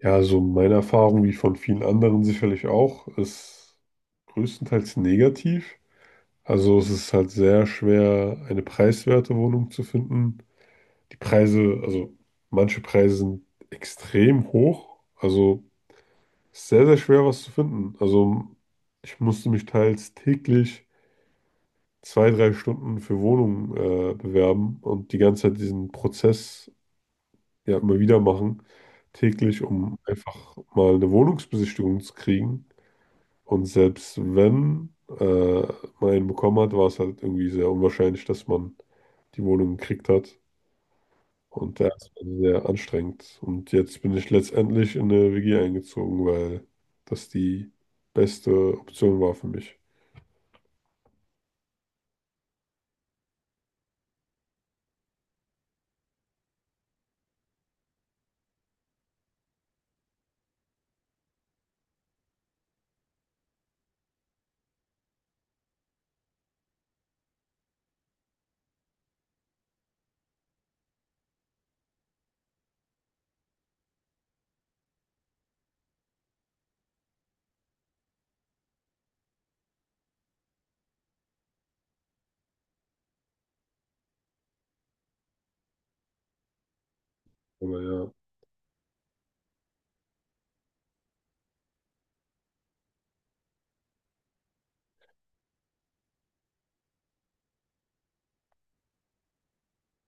Ja, also meine Erfahrung, wie von vielen anderen sicherlich auch, ist größtenteils negativ. Also es ist halt sehr schwer, eine preiswerte Wohnung zu finden. Die Preise, also manche Preise sind extrem hoch. Also es ist sehr, sehr schwer, was zu finden. Also ich musste mich teils täglich 2, 3 Stunden für Wohnungen bewerben und die ganze Zeit diesen Prozess ja immer wieder machen, täglich, um einfach mal eine Wohnungsbesichtigung zu kriegen. Und selbst wenn man einen bekommen hat, war es halt irgendwie sehr unwahrscheinlich, dass man die Wohnung gekriegt hat. Und ja, es war sehr anstrengend. Und jetzt bin ich letztendlich in eine WG eingezogen, weil das die beste Option war für mich. Aber ja.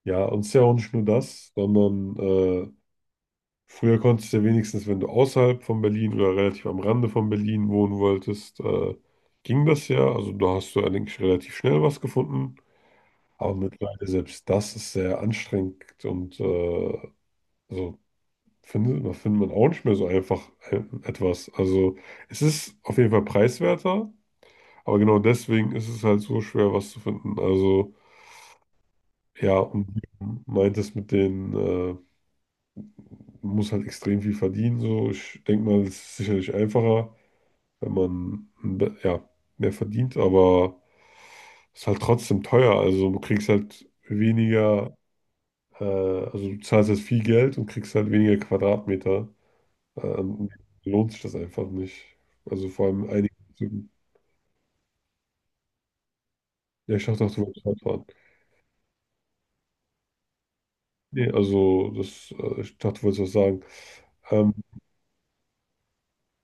Ja, und es ist ja auch nicht nur das, sondern früher konntest du ja wenigstens, wenn du außerhalb von Berlin oder relativ am Rande von Berlin wohnen wolltest, ging das ja. Also da hast du eigentlich relativ schnell was gefunden. Aber mittlerweile selbst das ist sehr anstrengend und also da findet man auch nicht mehr so einfach etwas. Also es ist auf jeden Fall preiswerter, aber genau deswegen ist es halt so schwer, was zu finden. Also ja, und wie du meintest mit den, man muss halt extrem viel verdienen. So, ich denke mal, es ist sicherlich einfacher, wenn man ja, mehr verdient, aber es ist halt trotzdem teuer. Also du kriegst halt weniger also du zahlst jetzt viel Geld und kriegst halt weniger Quadratmeter. Ähm, lohnt sich das einfach nicht. Also vor allem einige. Ja, ich dachte auch, du wolltest Rad fahren. Nee, also das, ich dachte, du wolltest was sagen. Ähm,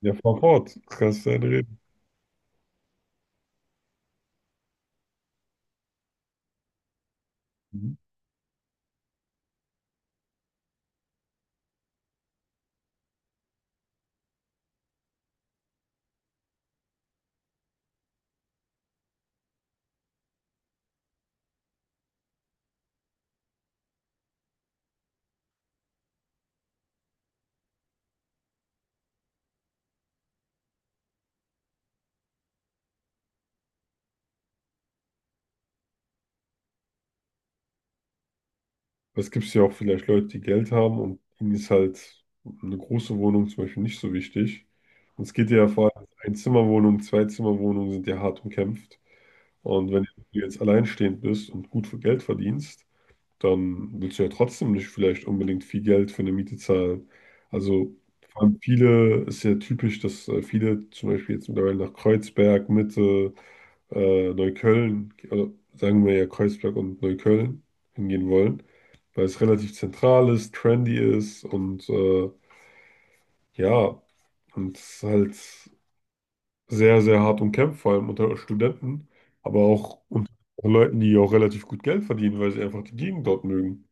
ja, fahr fort. Kannst du gerne reden. Mhm. Es gibt ja auch vielleicht Leute, die Geld haben und ihnen ist halt eine große Wohnung zum Beispiel nicht so wichtig. Und es geht ja vor allem Einzimmerwohnungen, Zweizimmerwohnungen sind ja hart umkämpft. Und wenn du jetzt alleinstehend bist und gut für Geld verdienst, dann willst du ja trotzdem nicht vielleicht unbedingt viel Geld für eine Miete zahlen. Also vor allem viele, ist ja typisch, dass viele zum Beispiel jetzt mittlerweile nach Kreuzberg, Mitte, Neukölln, also sagen wir ja Kreuzberg und Neukölln hingehen wollen, weil es relativ zentral ist, trendy ist und ja, und es ist halt sehr, sehr hart umkämpft, vor allem unter Studenten, aber auch unter Leuten, die auch relativ gut Geld verdienen, weil sie einfach die Gegend dort mögen.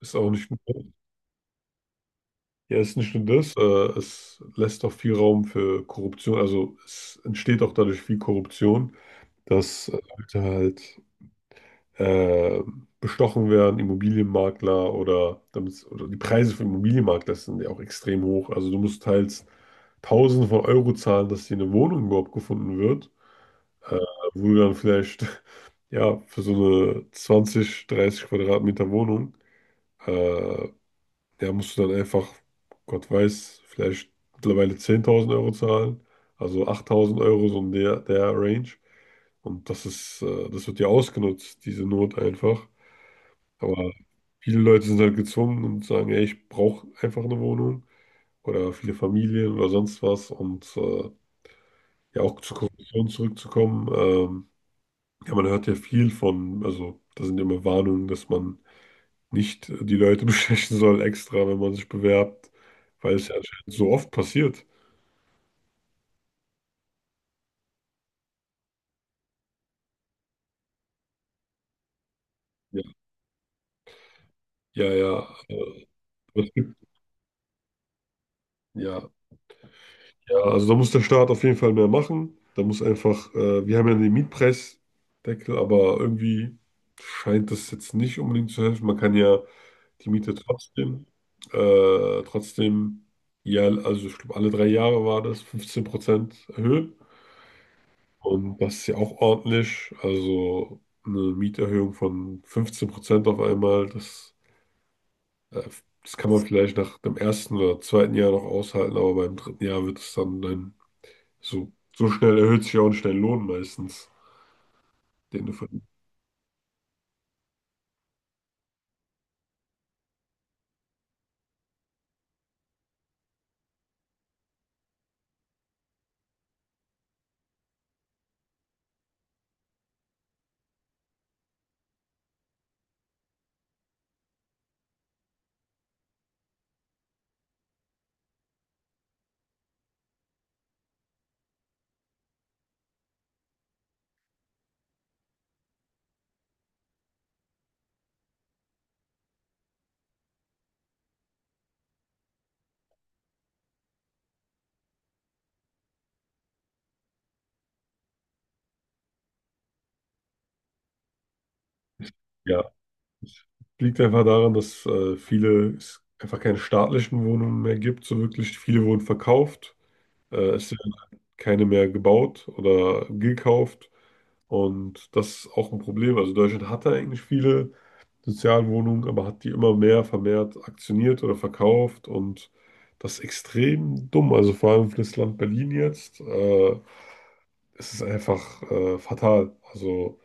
Ist auch nicht gut. Ja, es ist nicht nur das, es lässt auch viel Raum für Korruption, also es entsteht auch dadurch viel Korruption, dass Leute halt äh, bestochen werden, Immobilienmakler oder, damit, oder die Preise für Immobilienmakler sind ja auch extrem hoch. Also du musst teils Tausende von Euro zahlen, dass dir eine Wohnung überhaupt gefunden wird, äh, wo du dann vielleicht ja für so eine 20, 30 Quadratmeter Wohnung äh, der musst du dann einfach, Gott weiß, vielleicht mittlerweile 10.000 Euro zahlen, also 8.000 Euro, so in der Range. Und das wird ja ausgenutzt, diese Not einfach. Aber viele Leute sind halt gezwungen und sagen, ey, ich brauche einfach eine Wohnung oder viele Familien oder sonst was. Und ja, auch zur Korruption zurückzukommen. Ja, man hört ja viel von, also da sind immer Warnungen, dass man nicht die Leute bestechen soll extra, wenn man sich bewerbt, weil es ja anscheinend so oft passiert. Ja, ja, ja. Aber es gibt, ja, ja, also da muss der Staat auf jeden Fall mehr machen. Da muss einfach, wir haben ja den Mietpreisdeckel, aber irgendwie scheint das jetzt nicht unbedingt zu helfen. Man kann ja die Miete trotzdem, ja, also ich glaube, alle 3 Jahre war das 15% erhöhen. Und das ist ja auch ordentlich. Also eine Mieterhöhung von 15% auf einmal, äh, das kann man vielleicht nach dem ersten oder zweiten Jahr noch aushalten, aber beim dritten Jahr wird es dann, dann so schnell erhöht sich ja auch nicht dein Lohn meistens, den du verdienst. Ja, das liegt einfach daran, dass viele es einfach keine staatlichen Wohnungen mehr gibt, so wirklich. Viele wurden verkauft, es werden keine mehr gebaut oder gekauft. Und das ist auch ein Problem. Also Deutschland hatte eigentlich viele Sozialwohnungen, aber hat die immer mehr vermehrt aktioniert oder verkauft. Und das ist extrem dumm. Also vor allem für das Land Berlin jetzt. Es ist einfach fatal. Also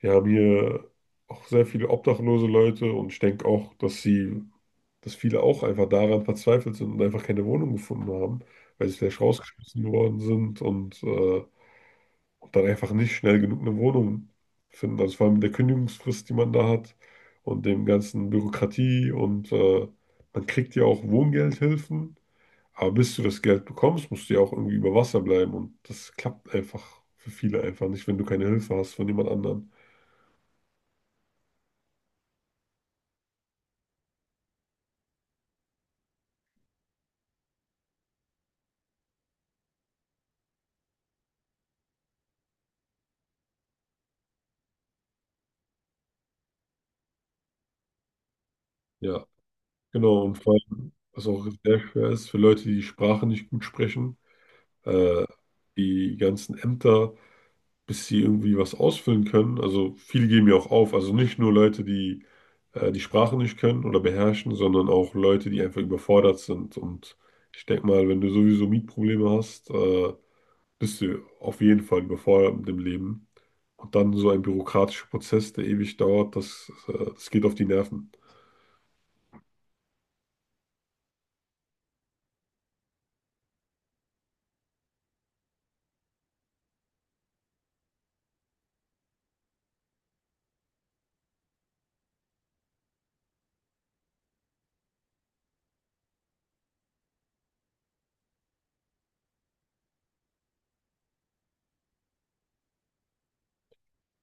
wir haben hier auch sehr viele obdachlose Leute und ich denke auch, dass viele auch einfach daran verzweifelt sind und einfach keine Wohnung gefunden haben, weil sie vielleicht rausgeschmissen worden sind und dann einfach nicht schnell genug eine Wohnung finden. Also vor allem mit der Kündigungsfrist, die man da hat und dem ganzen Bürokratie und man kriegt ja auch Wohngeldhilfen, aber bis du das Geld bekommst, musst du ja auch irgendwie über Wasser bleiben und das klappt einfach für viele einfach nicht, wenn du keine Hilfe hast von jemand anderem. Ja, genau und vor allem, was auch sehr schwer ist für Leute, die die Sprache nicht gut sprechen, äh, die ganzen Ämter. Bis sie irgendwie was ausfüllen können. Also viele geben ja auch auf. Also nicht nur Leute, die die Sprache nicht können oder beherrschen, sondern auch Leute, die einfach überfordert sind. Und ich denke mal, wenn du sowieso Mietprobleme hast, bist du auf jeden Fall überfordert mit dem Leben. Und dann so ein bürokratischer Prozess, der ewig dauert, das geht auf die Nerven.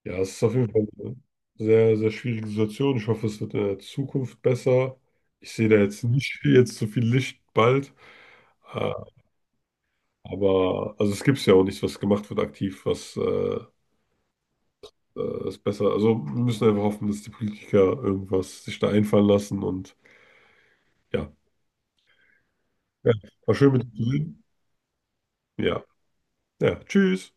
Ja, es ist auf jeden Fall eine sehr, sehr schwierige Situation. Ich hoffe, es wird in der Zukunft besser. Ich sehe da jetzt nicht jetzt so viel Licht bald. Äh, Aber also es gibt ja auch nichts was gemacht wird aktiv, was ist besser. Also wir müssen einfach hoffen, dass die Politiker irgendwas sich da einfallen lassen und ja. Ja, war schön mit dir zu reden. Ja, ja, tschüss.